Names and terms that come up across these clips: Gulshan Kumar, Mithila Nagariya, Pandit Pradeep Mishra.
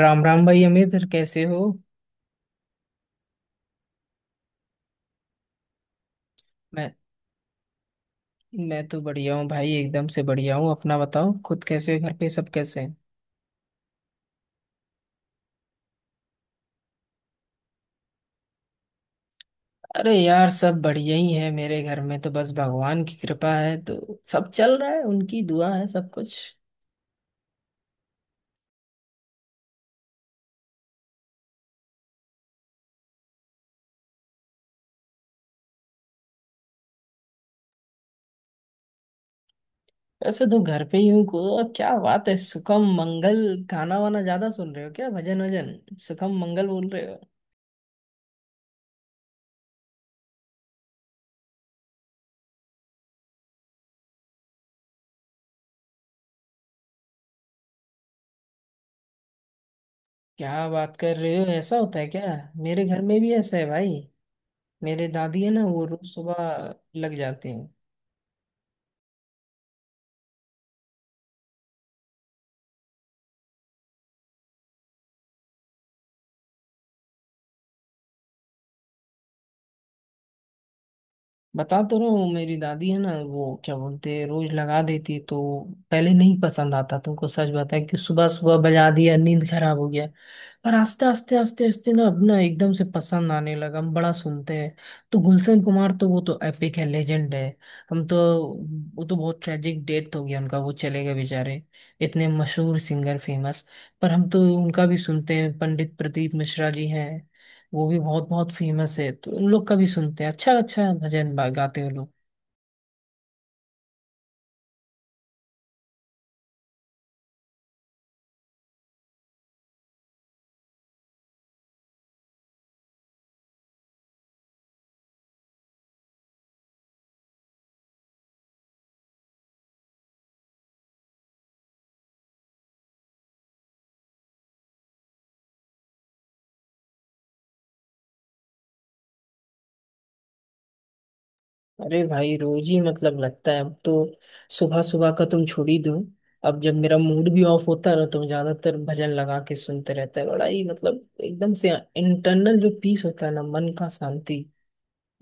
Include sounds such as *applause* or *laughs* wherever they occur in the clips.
राम राम भाई अमित कैसे हो। मैं मैं तो बढ़िया हूँ भाई, एकदम से बढ़िया हूँ। अपना बताओ, खुद कैसे हो? घर पे सब कैसे हैं? अरे यार, सब बढ़िया ही है। मेरे घर में तो बस भगवान की कृपा है, तो सब चल रहा है, उनकी दुआ है सब कुछ। वैसे तो घर पे ही हूँ को, और क्या बात है सुखम मंगल। गाना वाना ज्यादा सुन रहे हो क्या? भजन वजन सुखम मंगल बोल रहे हो। क्या बात कर रहे हो, ऐसा होता है क्या? मेरे घर में भी ऐसा है भाई। मेरे दादी है ना, वो रोज सुबह लग जाते हैं। बता तो रहा हूँ, मेरी दादी है ना, वो क्या बोलते हैं रोज लगा देती। तो पहले नहीं पसंद आता तुमको, सच बताया कि सुबह सुबह बजा दिया, नींद खराब हो गया। और आस्ते आस्ते आस्ते आस्ते ना अपना एकदम से पसंद आने लगा, हम बड़ा सुनते हैं। तो गुलशन कुमार तो वो तो एपिक है, लेजेंड है। हम तो, वो तो बहुत ट्रेजिक डेथ हो गया उनका, वो चले गए बेचारे, इतने मशहूर सिंगर, फेमस। पर हम तो उनका भी सुनते हैं। पंडित प्रदीप मिश्रा जी हैं, वो भी बहुत बहुत फेमस है, तो उन लोग का भी सुनते हैं, अच्छा अच्छा भजन गाते हैं लोग। अरे भाई रोज ही मतलब लगता है अब तो, सुबह सुबह का तुम छोड़ ही दो। अब जब मेरा मूड भी ऑफ होता है ना, तो मैं ज्यादातर भजन लगा के सुनते रहता है। बड़ा ही मतलब एकदम से इंटरनल जो पीस होता है ना, मन का शांति,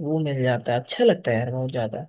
वो मिल जाता है। अच्छा लगता है यार बहुत ज्यादा।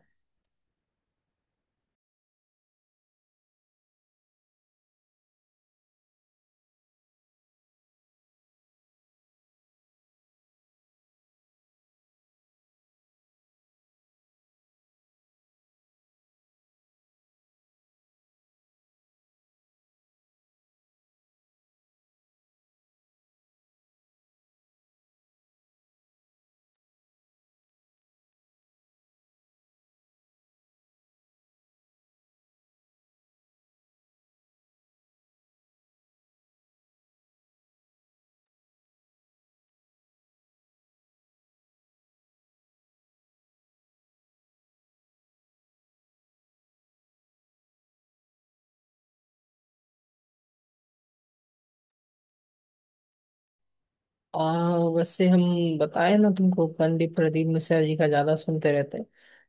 वैसे हम बताए ना तुमको, पंडित प्रदीप मिश्रा जी का ज्यादा सुनते रहते हैं।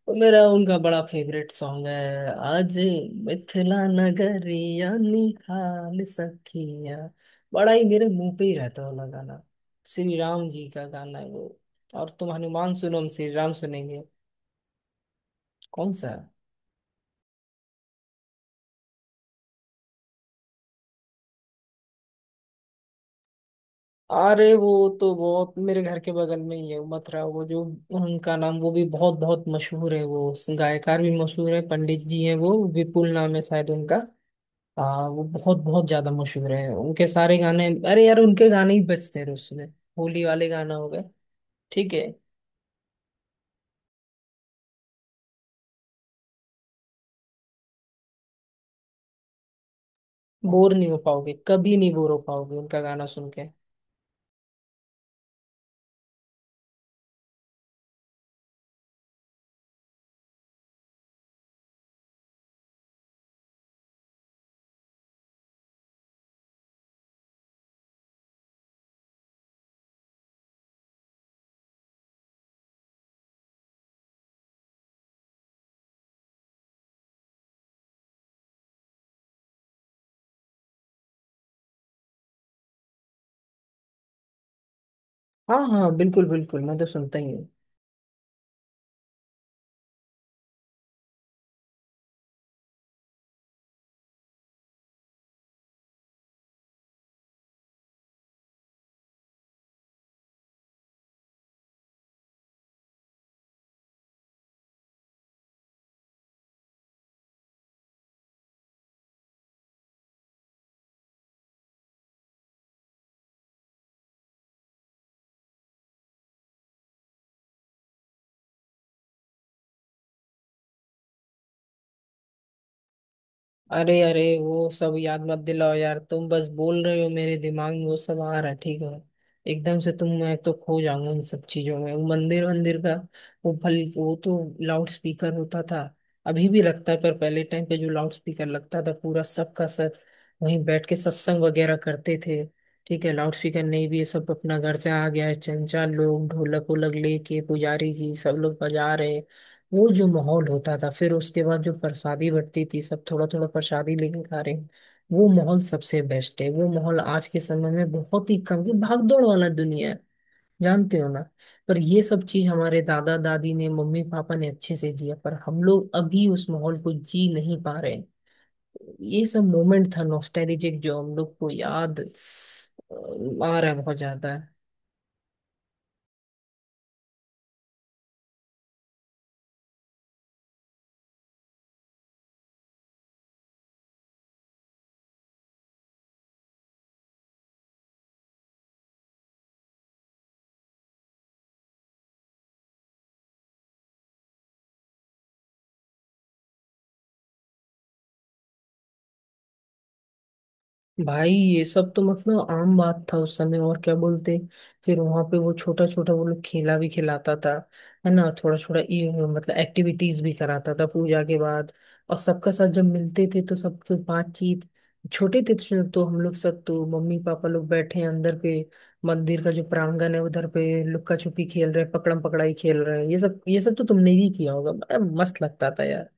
तो मेरा उनका बड़ा फेवरेट सॉन्ग है आज, मिथिला नगरिया निहाल सखिया। बड़ा ही मेरे मुंह पे ही रहता है वाला गाना। श्री राम जी का गाना है वो। और तुम हनुमान सुनो, हम श्री राम सुनेंगे। कौन सा? अरे वो तो बहुत मेरे घर के बगल में ही है, उमथरा वो जो, उनका नाम, वो भी बहुत बहुत मशहूर है वो। गायकार भी मशहूर है, पंडित जी हैं वो, विपुल नाम है शायद उनका। हाँ वो बहुत बहुत ज्यादा मशहूर है, उनके सारे गाने, अरे यार उनके गाने ही बजते रहे उसमें। होली वाले गाना हो गए। ठीक है। बोर नहीं हो पाओगे, कभी नहीं बोर हो पाओगे उनका गाना सुन के। हाँ हाँ, बिल्कुल बिल्कुल, मैं तो सुनता ही हूँ। अरे अरे वो सब याद मत दिलाओ यार तुम, बस बोल रहे हो मेरे दिमाग में वो सब आ रहा है। ठीक है एकदम से तुम, मैं तो खो जाऊंगा उन सब चीजों में। वो मंदिर वंदिर का, वो भल वो तो लाउड स्पीकर होता था। अभी भी लगता है, पर पहले टाइम पे जो लाउड स्पीकर लगता था पूरा सबका सर, वहीं बैठ के सत्संग वगैरह करते थे। ठीक है, लाउड स्पीकर नहीं भी, ये सब अपना घर से आ गया है, चंचा लोग ढोलक वोलक लेके पुजारी जी सब लोग बजा रहे हैं। वो जो माहौल होता था, फिर उसके बाद जो प्रसादी बंटती थी, सब थोड़ा थोड़ा प्रसादी लेके खा रहे हैं, वो माहौल सबसे बेस्ट है। वो माहौल आज के समय में बहुत ही कम की भागदौड़ वाला दुनिया है, जानते हो ना। पर ये सब चीज हमारे दादा दादी ने, मम्मी पापा ने अच्छे से जिया, पर हम लोग अभी उस माहौल को जी नहीं पा रहे हैं। ये सब मोमेंट था नॉस्टैल्जिक, जो हम लोग को याद आ रहा है बहुत ज्यादा। भाई ये सब तो मतलब आम बात था उस समय, और क्या बोलते। फिर वहां पे वो छोटा छोटा वो लोग खेला भी खिलाता था है ना, थोड़ा थोड़ा ये मतलब एक्टिविटीज भी कराता था पूजा के बाद। और सबका साथ जब मिलते थे तो सबके बातचीत। छोटे थे तो हम लोग सब, तो मम्मी पापा लोग बैठे हैं अंदर पे, मंदिर का जो प्रांगण है उधर पे लुक्का छुपी खेल रहे हैं, पकड़म पकड़ाई खेल रहे हैं, ये सब तो तुमने भी किया होगा, बड़ा मस्त लगता था यार।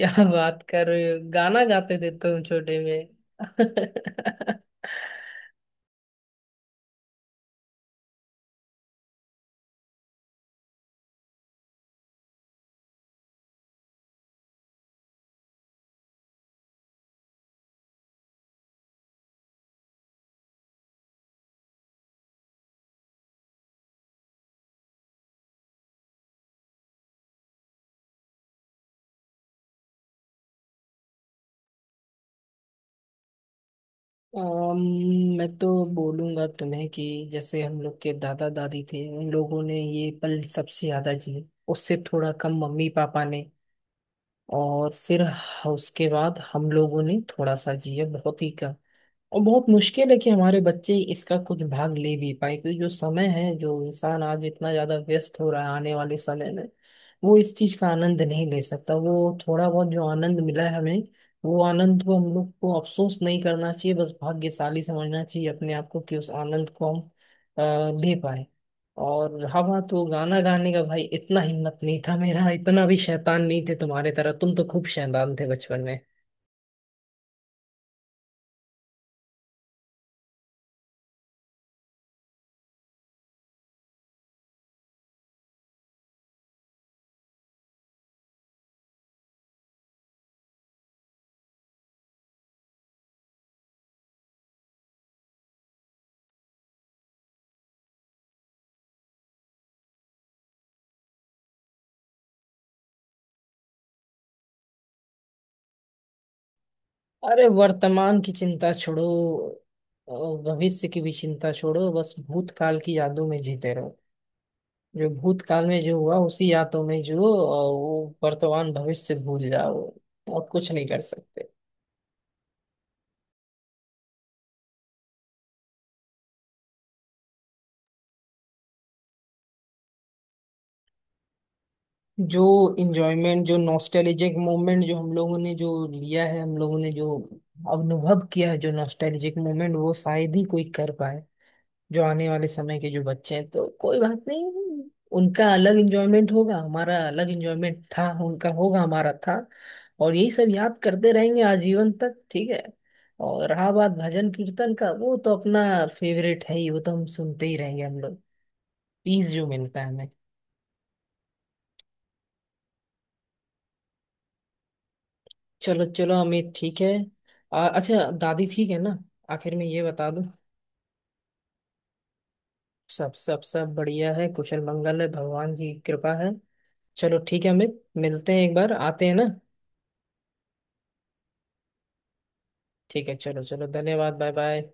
क्या बात कर रहे हो, गाना गाते थे तुम छोटे में? *laughs* मैं तो बोलूंगा तुम्हें कि जैसे हम लोग के दादा दादी थे, उन लोगों ने ये पल सबसे ज्यादा जिए, उससे थोड़ा कम मम्मी पापा ने, और फिर उसके बाद हम लोगों ने थोड़ा सा जिया, बहुत ही कम। और बहुत मुश्किल है कि हमारे बच्चे इसका कुछ भाग ले भी पाए, क्योंकि जो समय है, जो इंसान आज इतना ज्यादा व्यस्त हो रहा है, आने वाले समय में वो इस चीज का आनंद नहीं ले सकता। वो थोड़ा बहुत जो आनंद मिला है हमें, वो आनंद को हम लोग को अफसोस नहीं करना चाहिए, बस भाग्यशाली समझना चाहिए अपने आप को कि उस आनंद को हम अ, ले पाए। और हवा तो गाना गाने का भाई इतना हिम्मत नहीं था मेरा, इतना भी शैतान नहीं थे, तुम्हारे तरह। तुम तो खूब शैतान थे बचपन। अरे वर्तमान की चिंता छोड़ो, और भविष्य की भी चिंता छोड़ो, बस भूतकाल की यादों में जीते रहो। जो भूतकाल में जो हुआ उसी यादों में जो, और वो वर्तमान भविष्य भूल जाओ, और कुछ नहीं कर सकते। जो इंजॉयमेंट, जो नॉस्टैल्जिक मोमेंट जो हम लोगों ने जो लिया है, हम लोगों ने जो अनुभव किया है, जो नॉस्टैल्जिक मोमेंट, वो शायद ही कोई कर पाए। जो आने वाले समय के जो बच्चे हैं, तो कोई बात नहीं, उनका अलग इंजॉयमेंट होगा, हमारा अलग इंजॉयमेंट था, उनका होगा, हमारा था। और यही सब याद करते रहेंगे आजीवन तक, ठीक है। और रहा बात भजन कीर्तन का, वो तो अपना फेवरेट है ही, वो तो हम सुनते ही रहेंगे हम लोग। पीस जो मिलता है हमें। चलो चलो अमित ठीक है। अच्छा दादी ठीक है ना, आखिर में ये बता दूं। सब सब सब बढ़िया है, कुशल मंगल है, भगवान जी की कृपा है। चलो ठीक है अमित, मिलते हैं एक बार, आते हैं ना। ठीक है चलो चलो, धन्यवाद, बाय बाय।